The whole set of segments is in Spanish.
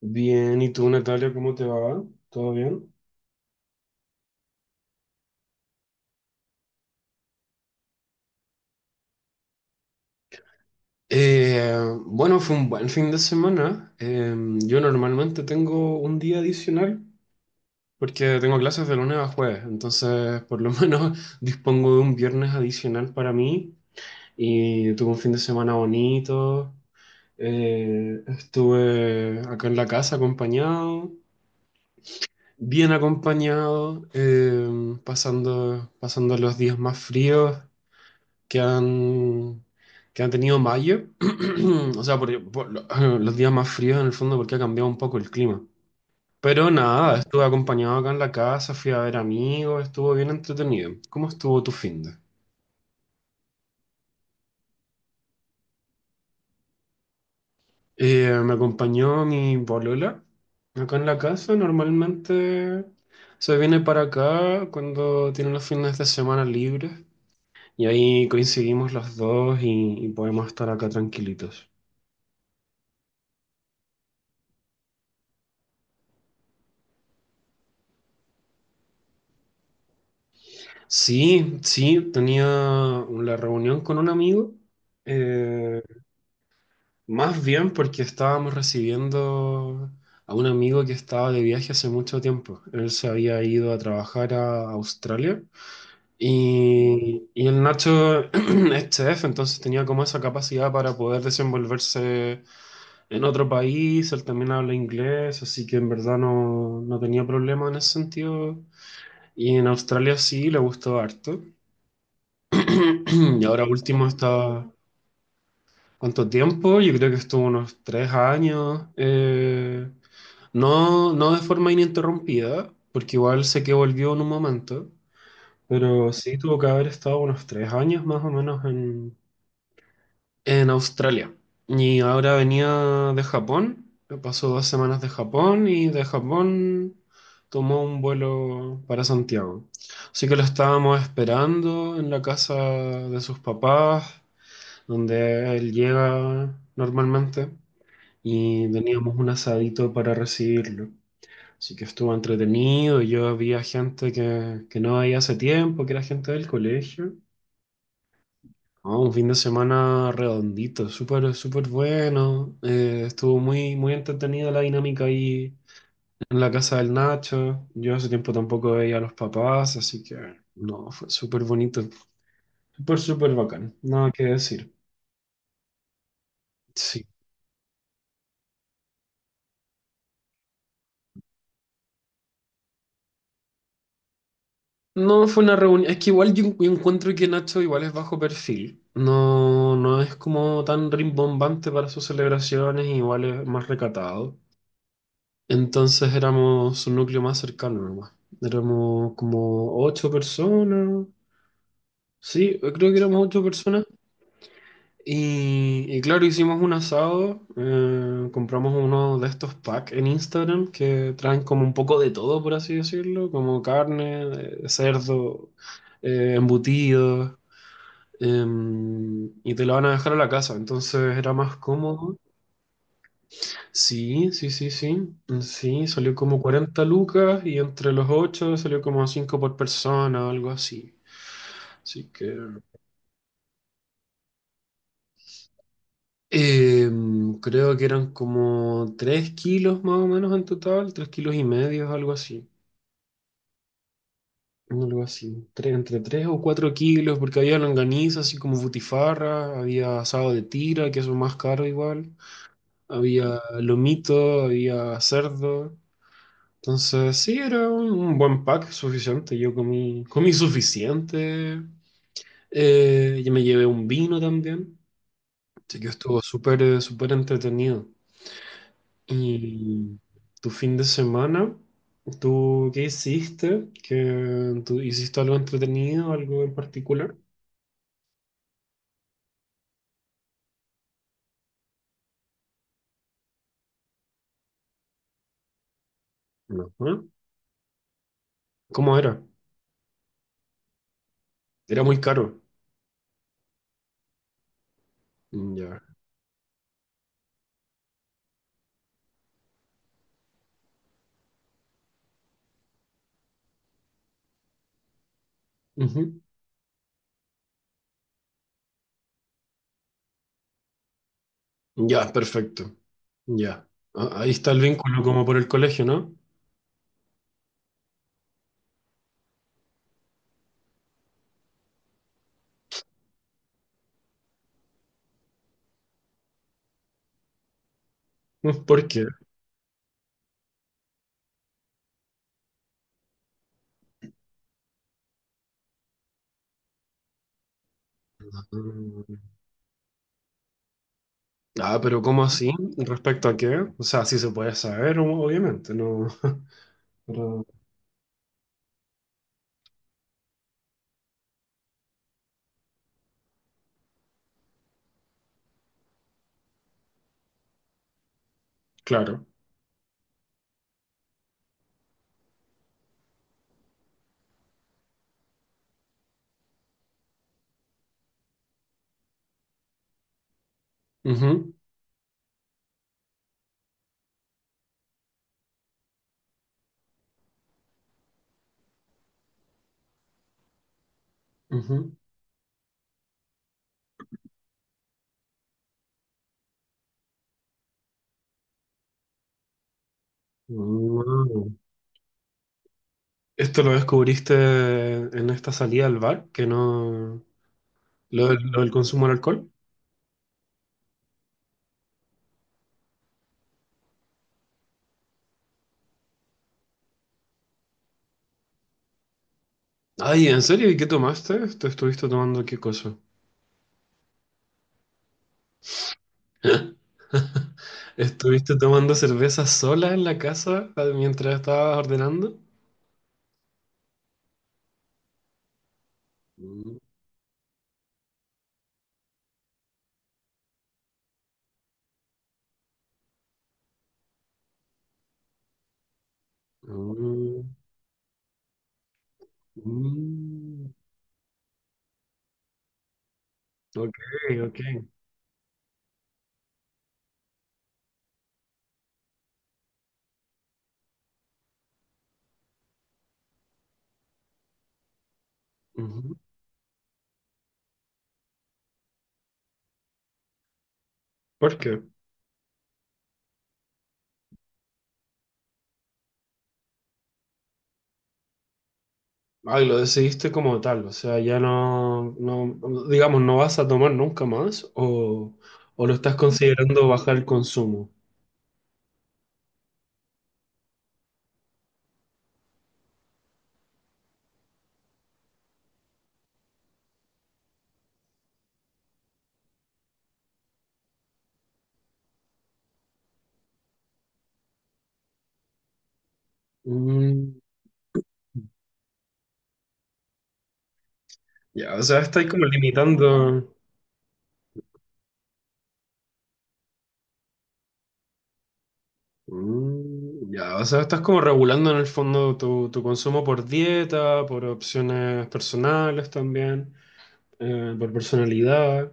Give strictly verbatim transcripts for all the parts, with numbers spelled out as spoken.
Bien, ¿y tú, Natalia, cómo te va? ¿Todo bien? Eh, bueno, fue un buen fin de semana. Eh, yo normalmente tengo un día adicional porque tengo clases de lunes a jueves, entonces por lo menos dispongo de un viernes adicional para mí y tuve un fin de semana bonito. Eh, estuve acá en la casa acompañado, bien acompañado, eh, pasando, pasando los días más fríos que han, que han tenido mayo. O sea, por, por lo- los días más fríos en el fondo porque ha cambiado un poco el clima. Pero nada, claro, estuve acompañado acá en la casa, fui a ver amigos, estuvo bien entretenido. ¿Cómo estuvo tu fin de? Eh, me acompañó mi polola acá en la casa. Normalmente se viene para acá cuando tiene los fines de semana libres y ahí coincidimos los dos y y podemos estar acá tranquilitos. Sí, sí, tenía la reunión con un amigo, eh, más bien porque estábamos recibiendo a un amigo que estaba de viaje hace mucho tiempo. Él se había ido a trabajar a Australia y, y el Nacho es chef, entonces tenía como esa capacidad para poder desenvolverse en otro país, él también habla inglés, así que en verdad no, no tenía problema en ese sentido. Y en Australia sí, le gustó harto. Y ahora último está, ¿cuánto tiempo? Yo creo que estuvo unos tres años. Eh, no, no de forma ininterrumpida, porque igual sé que volvió en un momento, pero sí tuvo que haber estado unos tres años más o menos en, en Australia. Y ahora venía de Japón, pasó dos semanas de Japón y de Japón tomó un vuelo para Santiago. Así que lo estábamos esperando en la casa de sus papás, donde él llega normalmente, y teníamos un asadito para recibirlo. Así que estuvo entretenido, yo había gente que, que no veía hace tiempo, que era gente del colegio. Ah, un fin de semana redondito, súper, súper bueno. Eh, estuvo muy, muy entretenida la dinámica ahí en la casa del Nacho. Yo hace tiempo tampoco veía a los papás, así que no, fue súper bonito. Súper, súper bacán, nada que decir. Sí, no fue una reunión, es que igual yo, en- yo encuentro que Nacho igual es bajo perfil, no, no es como tan rimbombante para sus celebraciones, igual es más recatado. Entonces éramos un núcleo más cercano nomás, éramos como ocho personas, sí, creo que éramos ocho personas. Y, y claro, hicimos un asado, eh, compramos uno de estos packs en Instagram que traen como un poco de todo, por así decirlo, como carne, eh, cerdo, embutidos. Em, y te la van a dejar a la casa, entonces era más cómodo. Sí, sí, sí, sí. Mm, sí, salió como cuarenta lucas y entre los ocho salió como cinco por persona o algo así. Así que em, creo que eran como tres kilos más o menos en total, tres kilos y medio, algo así. Algo así, Tres- entre tres o cuatro kilos, porque había longaniza, así como butifarra, había asado de tira, que eso es más caro igual, había lomito, había cerdo. Entonces, sí, era un, un buen pack suficiente. Yo comí, comí suficiente. Eh, y me llevé un vino también. Así que estuvo súper, eh, súper entretenido. ¿Y tu fin de semana? ¿Tú qué hiciste? ¿Qué, tú hiciste algo entretenido, algo en particular? No. ¿Ah? ¿Cómo era? Era muy caro. Mm, ya. Ujú. Ya, perfecto. Ya. Ah, ahí está el vínculo como por el colegio, ¿no? ¿Por qué? Ah, Ah, pero ¿cómo así? ¿Respecto a qué? O sea, sí se puede saber, o- obviamente, no. Pero, claro. Ujú, ujú. Mm. ¿Esto lo descubriste en esta salida al bar, que no? Lo, del lo del consumo del alcohol. Ay, ¿en serio? ¿Y qué tomaste? ¿Te estuviste tomando qué cosa? ¿Estuviste tomando cerveza sola en la casa ah, mientras estabas ordenando? Mm, mm, mm. Ok, ok. ¿Por qué? Ay, lo decidiste como tal, o sea, ya no, no, digamos, ¿no vas a tomar nunca más o, o lo estás considerando bajar el consumo? Mm, ya, o sea, estás como limitando. Mm, ya, o sea, estás como regulando en el fondo tu, tu consumo por dieta, por opciones personales también, eh, por personalidad,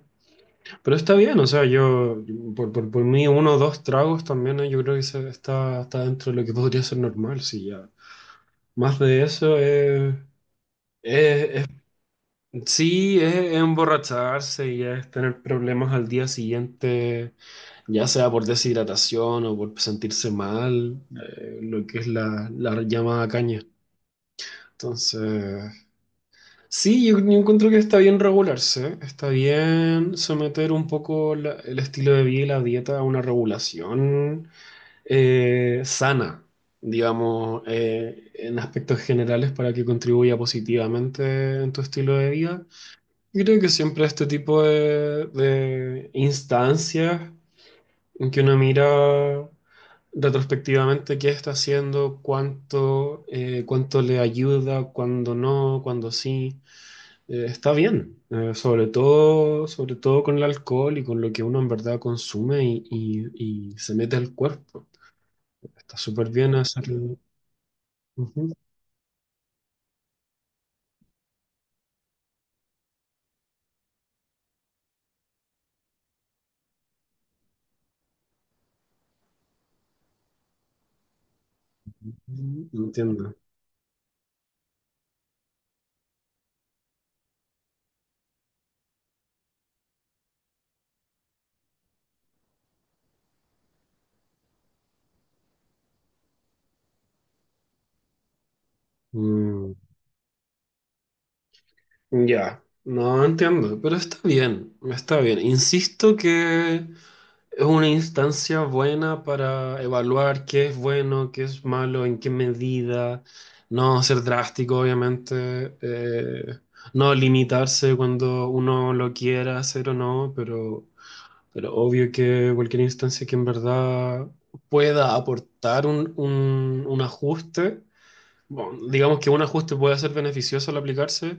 pero está bien, o sea, yo, por, por, por mí, uno o dos tragos también, eh, yo creo que se- está, está dentro de lo que podría ser normal, sí, ya. Más de eso es, es- es- sí, es, es emborracharse y es tener problemas al día siguiente, ya sea por deshidratación o por sentirse mal, eh, lo que es la, la llamada caña. Entonces, sí, yo, yo encuentro que está bien regularse, está bien someter un poco la- el estilo de vida y la dieta a una regulación eh, sana, digamos, eh, en aspectos generales para que contribuya positivamente en tu estilo de vida. Y creo que siempre este tipo de, de instancias en que uno mira retrospectivamente qué está haciendo, cuánto, eh, cuánto le ayuda, cuándo no, cuándo sí, eh, está bien. Eh, sobre todo, sobre todo con el alcohol y con lo que uno en verdad consume y, y- y se mete al cuerpo. Está súper bien hacerlo. Ujú, entiendo. Mm, ya, no entiendo, pero está bien, está bien. Insisto que es una instancia buena para evaluar qué es bueno, qué es malo, en qué medida, no ser drástico, obviamente, eh, no limitarse cuando uno lo quiera hacer o no, pero, pero obvio que cualquier instancia que en verdad pueda aportar un, un un ajuste. Bueno, digamos que un ajuste puede ser beneficioso al aplicarse.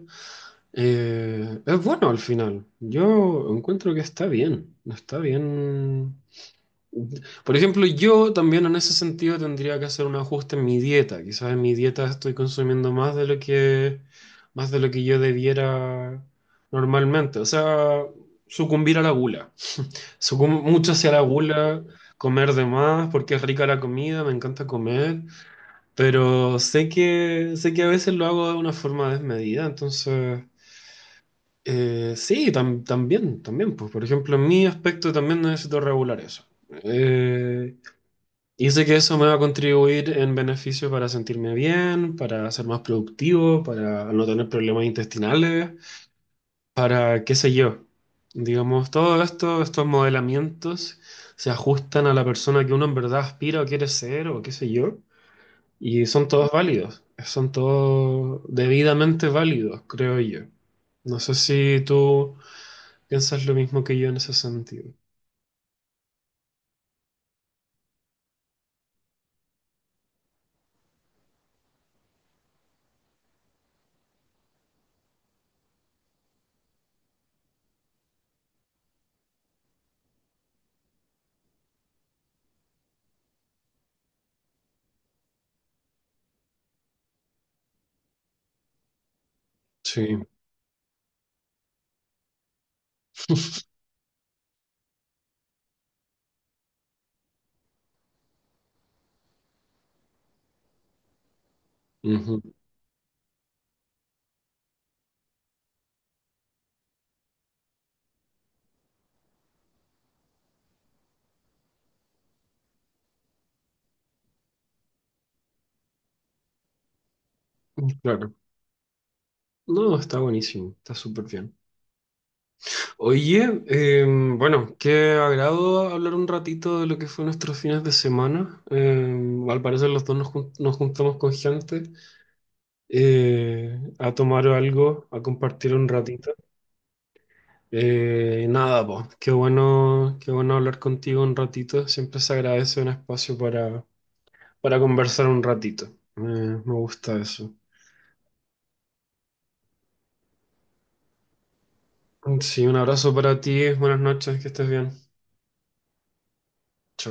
eh, Es bueno al final. Yo encuentro que está bien. Está bien. Por ejemplo, yo también en ese sentido tendría que hacer un ajuste en mi dieta. Quizás en mi dieta estoy consumiendo más de lo que, más de lo que yo debiera normalmente. O sea, sucumbir a la gula. Sucum- mucho hacia la gula, comer de más porque es rica la comida, me encanta comer. Pero sé que, sé que a veces lo hago de una forma desmedida, entonces eh, sí, tam- también, también, pues por ejemplo, en mi aspecto también necesito regular eso. Eh, y sé que eso me va a contribuir en beneficio para sentirme bien, para ser más productivo, para no tener problemas intestinales, para qué sé yo. Digamos, todo esto, estos modelamientos se ajustan a la persona que uno en verdad aspira o quiere ser o qué sé yo. Y son todos válidos, son todos debidamente válidos, creo yo. No sé si tú piensas lo mismo que yo en ese sentido. Sí, ujú, claro. No, está buenísimo, está súper bien. Oye, eh, bueno, qué agrado hablar un ratito de lo que fue nuestros fines de semana. Eh, al parecer los dos nos, jun- nos juntamos con gente eh, a tomar algo, a compartir un ratito. Eh, nada, pues qué bueno, qué bueno hablar contigo un ratito. Siempre se agradece un espacio para, para conversar un ratito. Eh, me gusta eso. Sí, un abrazo para ti. Buenas noches, que estés bien. Chao.